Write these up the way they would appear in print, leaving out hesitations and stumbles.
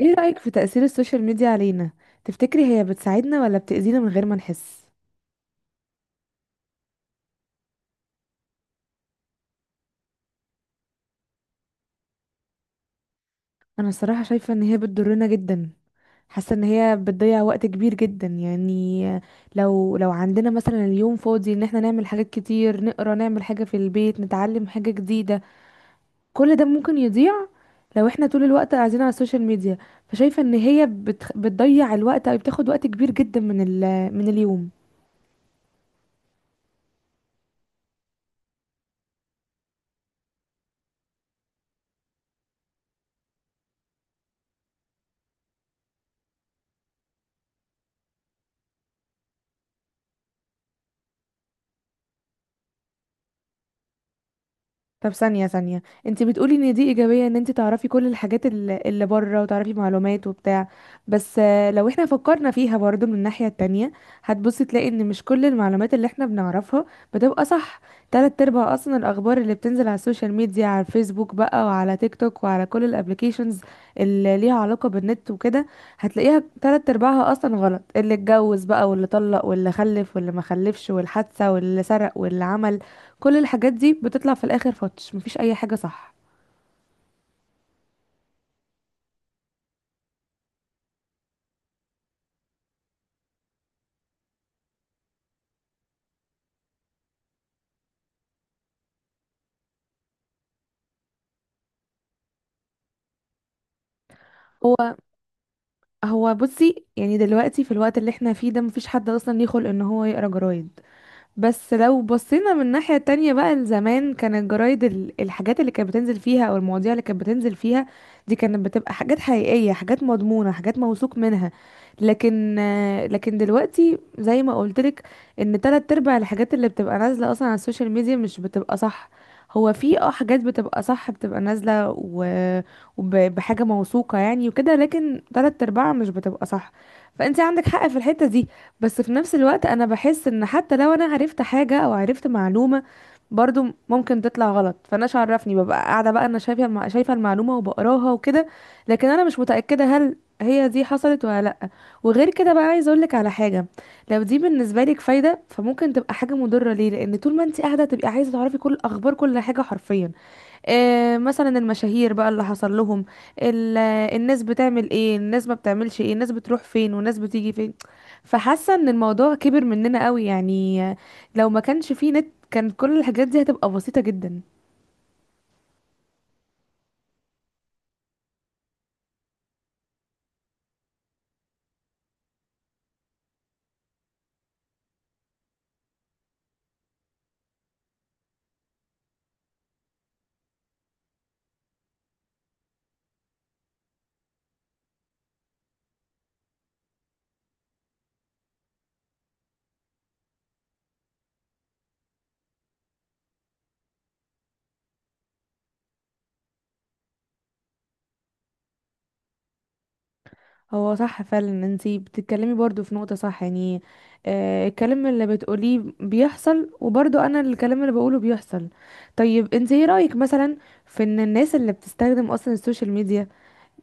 ايه رأيك في تأثير السوشيال ميديا علينا؟ تفتكري هي بتساعدنا ولا بتأذينا من غير ما نحس؟ انا الصراحة شايفة ان هي بتضرنا جدا. حاسة ان هي بتضيع وقت كبير جدا يعني. لو عندنا مثلا اليوم فاضي ان احنا نعمل حاجات كتير، نقرا، نعمل حاجة في البيت، نتعلم حاجة جديدة. كل ده ممكن يضيع لو احنا طول الوقت قاعدين على السوشيال ميديا. فشايفة ان بتضيع الوقت او بتاخد وقت كبير جدا من اليوم. طب ثانية ثانية، انت بتقولي ان دي ايجابية ان انت تعرفي كل الحاجات اللي بره وتعرفي معلومات وبتاع. بس لو احنا فكرنا فيها برضو من الناحية التانية، هتبصي تلاقي ان مش كل المعلومات اللي احنا بنعرفها بتبقى صح. تلات ارباع اصلا الاخبار اللي بتنزل على السوشيال ميديا، على الفيسبوك بقى وعلى تيك توك وعلى كل الابليكيشنز اللي ليها علاقة بالنت وكده، هتلاقيها تلات ارباعها اصلا غلط. اللي اتجوز بقى واللي طلق واللي خلف واللي ما خلفش والحادثة واللي سرق واللي عمل، كل الحاجات دي بتطلع في الاخر فتش مفيش اي حاجه صح. هو هو بصي، يعني دلوقتي في الوقت اللي احنا فيه ده مفيش حد اصلا ليه خلق ان هو يقرا جرايد. بس لو بصينا من ناحية تانية بقى، لزمان كان الجرايد الحاجات اللي كانت بتنزل فيها او المواضيع اللي كانت بتنزل فيها، دي كانت بتبقى حاجات حقيقية، حاجات مضمونة، حاجات موثوق منها. لكن لكن دلوقتي زي ما قولتلك، ان تلات ارباع الحاجات اللي بتبقى نازلة اصلا على السوشيال ميديا مش بتبقى صح. هو في اه حاجات بتبقى صح، بتبقى نازلة بحاجة موثوقة يعني وكده، لكن تلات ارباعها مش بتبقى صح. فانت عندك حق في الحتة دي، بس في نفس الوقت انا بحس ان حتى لو انا عرفت حاجة او عرفت معلومة، برضو ممكن تطلع غلط. فانا عرفني ببقى قاعدة بقى انا شايفة المعلومة وبقراها وكده، لكن انا مش متأكدة هل هي دي حصلت ولا لأ. وغير كده بقى، عايزة اقولك على حاجة. لو دي بالنسبة لك فايدة فممكن تبقى حاجة مضرة ليه، لان طول ما انت قاعدة تبقي عايزة تعرفي كل اخبار، كل حاجة حرفيا. مثلا المشاهير بقى اللي حصل لهم، الناس بتعمل ايه، الناس ما بتعملش ايه، الناس بتروح فين والناس بتيجي فين. فحاسه ان الموضوع كبر مننا قوي يعني. لو ما كانش فيه نت كان كل الحاجات دي هتبقى بسيطه جدا. هو صح فعلا، انتي بتتكلمي برضو في نقطه صح يعني. الكلام اللي بتقوليه بيحصل، وبرضو انا الكلام اللي بقوله بيحصل. طيب انتي ايه رايك مثلا في ان الناس اللي بتستخدم اصلا السوشيال ميديا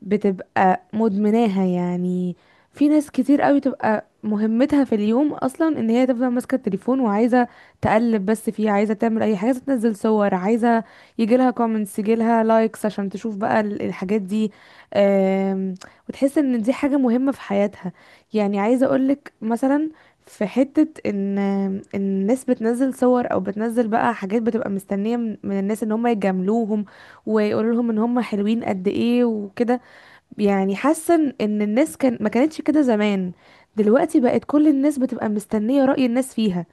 بتبقى مدمناها يعني؟ في ناس كتير قوي تبقى مهمتها في اليوم اصلا ان هي تفضل ماسكه التليفون، وعايزه تقلب بس فيه، عايزه تعمل اي حاجه، عايزة تنزل صور، عايزه يجيلها كومنتس، يجيلها لايكس عشان تشوف بقى الحاجات دي. آم، وتحس ان دي حاجه مهمه في حياتها. يعني عايزه اقولك مثلا في حتة ان إن الناس بتنزل صور او بتنزل بقى حاجات، بتبقى مستنية من الناس ان هم يجاملوهم ويقولوا لهم ان هم حلوين قد ايه وكده. يعني حاسه ان إن الناس كان ما كانتش كده زمان، دلوقتي بقت كل الناس بتبقى مستنيه رأي الناس فيها.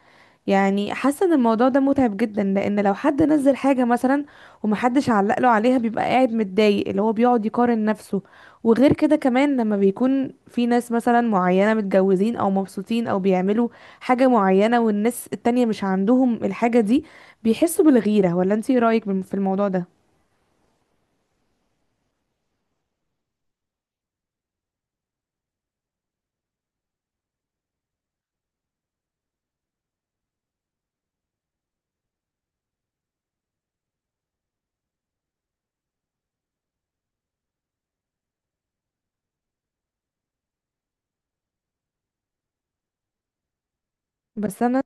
يعني حاسه ان الموضوع ده متعب جدا، لان لو حد نزل حاجه مثلا ومحدش علق له عليها بيبقى قاعد متضايق، اللي هو بيقعد يقارن نفسه. وغير كده كمان، لما بيكون في ناس مثلا معينه متجوزين او مبسوطين او بيعملوا حاجه معينه والناس التانية مش عندهم الحاجه دي، بيحسوا بالغيره. ولا انتي إيه رأيك في الموضوع ده؟ بس انا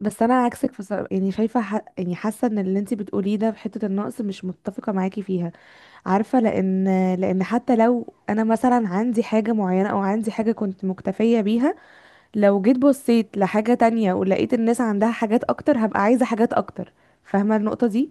بس انا عكسك يعني يعني حاسه ان اللي انت بتقوليه ده في حته النقص مش متفقه معاكي فيها. عارفه، لان لان حتى لو انا مثلا عندي حاجه معينه او عندي حاجه كنت مكتفيه بيها، لو جيت بصيت لحاجه تانية ولقيت الناس عندها حاجات اكتر هبقى عايزه حاجات اكتر. فاهمه النقطه دي؟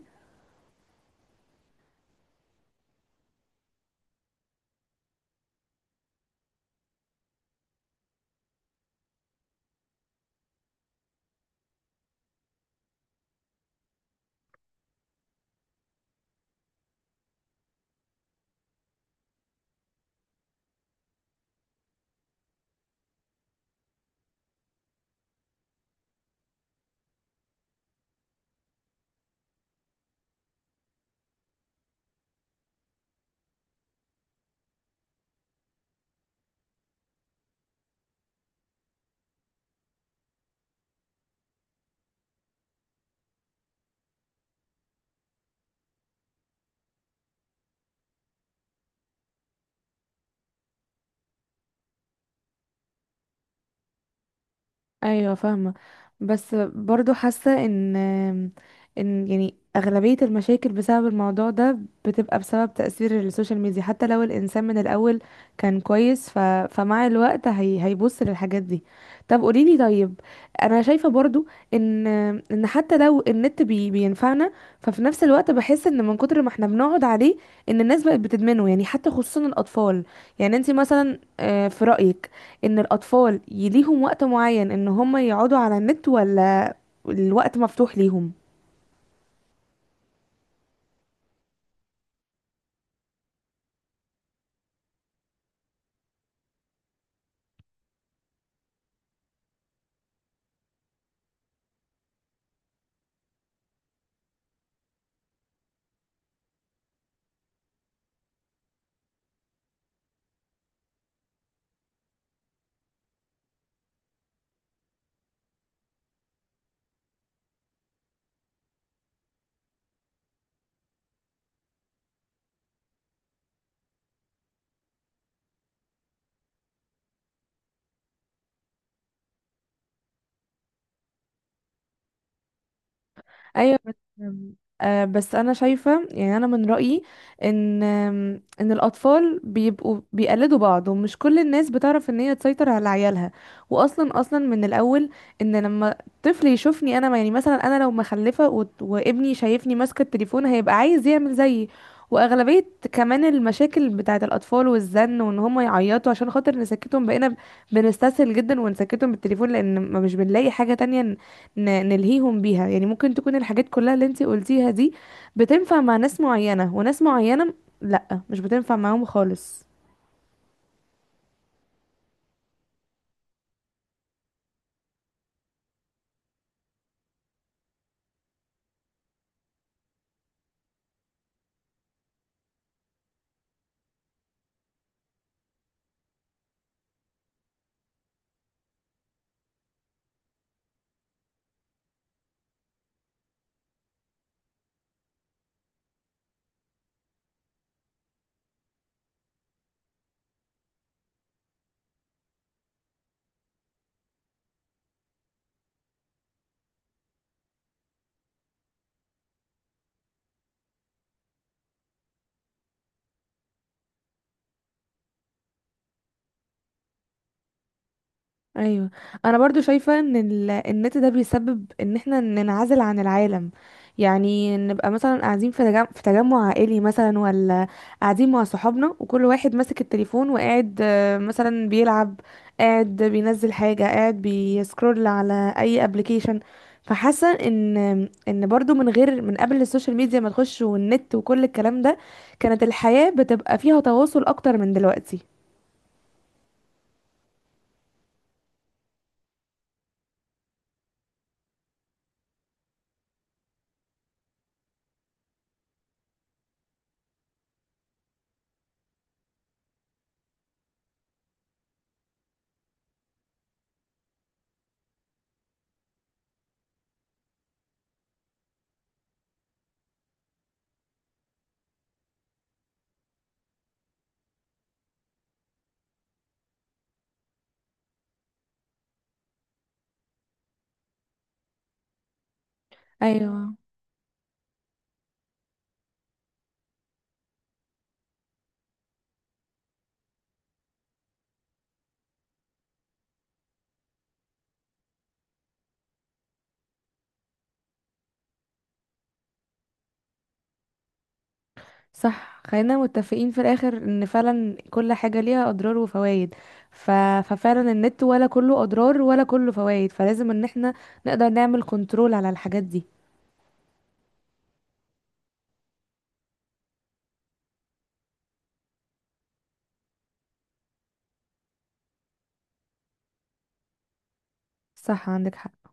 ايوه فاهمه. بس برضو حاسه ان ان يعني اغلبيه المشاكل بسبب الموضوع ده بتبقى بسبب تاثير السوشيال ميديا. حتى لو الانسان من الاول كان كويس، فمع الوقت هيبص للحاجات دي. طب قوليلي، طيب انا شايفه برضو ان ان حتى لو النت بينفعنا، ففي نفس الوقت بحس ان من كتر ما احنا بنقعد عليه، ان الناس بقت بتدمنه يعني، حتى خصوصا الاطفال. يعني انت مثلا في رايك ان الاطفال ليهم وقت معين ان هم يقعدوا على النت، ولا الوقت مفتوح ليهم؟ ايوه بس بس انا شايفه يعني، انا من رايي ان ان الاطفال بيبقوا بيقلدوا بعض، ومش كل الناس بتعرف ان هي تسيطر على عيالها. واصلا من الاول، ان لما طفل يشوفني انا، يعني مثلا انا لو مخلفه وابني شايفني ماسكه التليفون هيبقى عايز يعمل زيي. واغلبيه كمان المشاكل بتاعه الاطفال والزن وان هم يعيطوا عشان خاطر نسكتهم، بقينا بنستسهل جدا ونسكتهم بالتليفون لان ما مش بنلاقي حاجه تانية نلهيهم بيها يعني. ممكن تكون الحاجات كلها اللي انت قلتيها دي بتنفع مع ناس معينة، وناس معينة لا مش بتنفع معاهم خالص. ايوه. انا برضو شايفه ان النت ده بيسبب ان احنا ننعزل عن العالم. يعني نبقى مثلا قاعدين في تجمع عائلي مثلا، ولا قاعدين مع صحابنا وكل واحد ماسك التليفون وقاعد، مثلا بيلعب، قاعد بينزل حاجه، قاعد بيسكرول على اي ابلكيشن. فحاسه ان ان برضو من غير، من قبل السوشيال ميديا ما تخش والنت وكل الكلام ده، كانت الحياه بتبقى فيها تواصل اكتر من دلوقتي. ايوه صح، خلينا متفقين في الاخر ان فعلا كل حاجة ليها اضرار وفوائد. ف... ففعلا النت ولا كله اضرار ولا كله فوائد، فلازم ان احنا نقدر نعمل كنترول على الحاجات دي. صح عندك حق.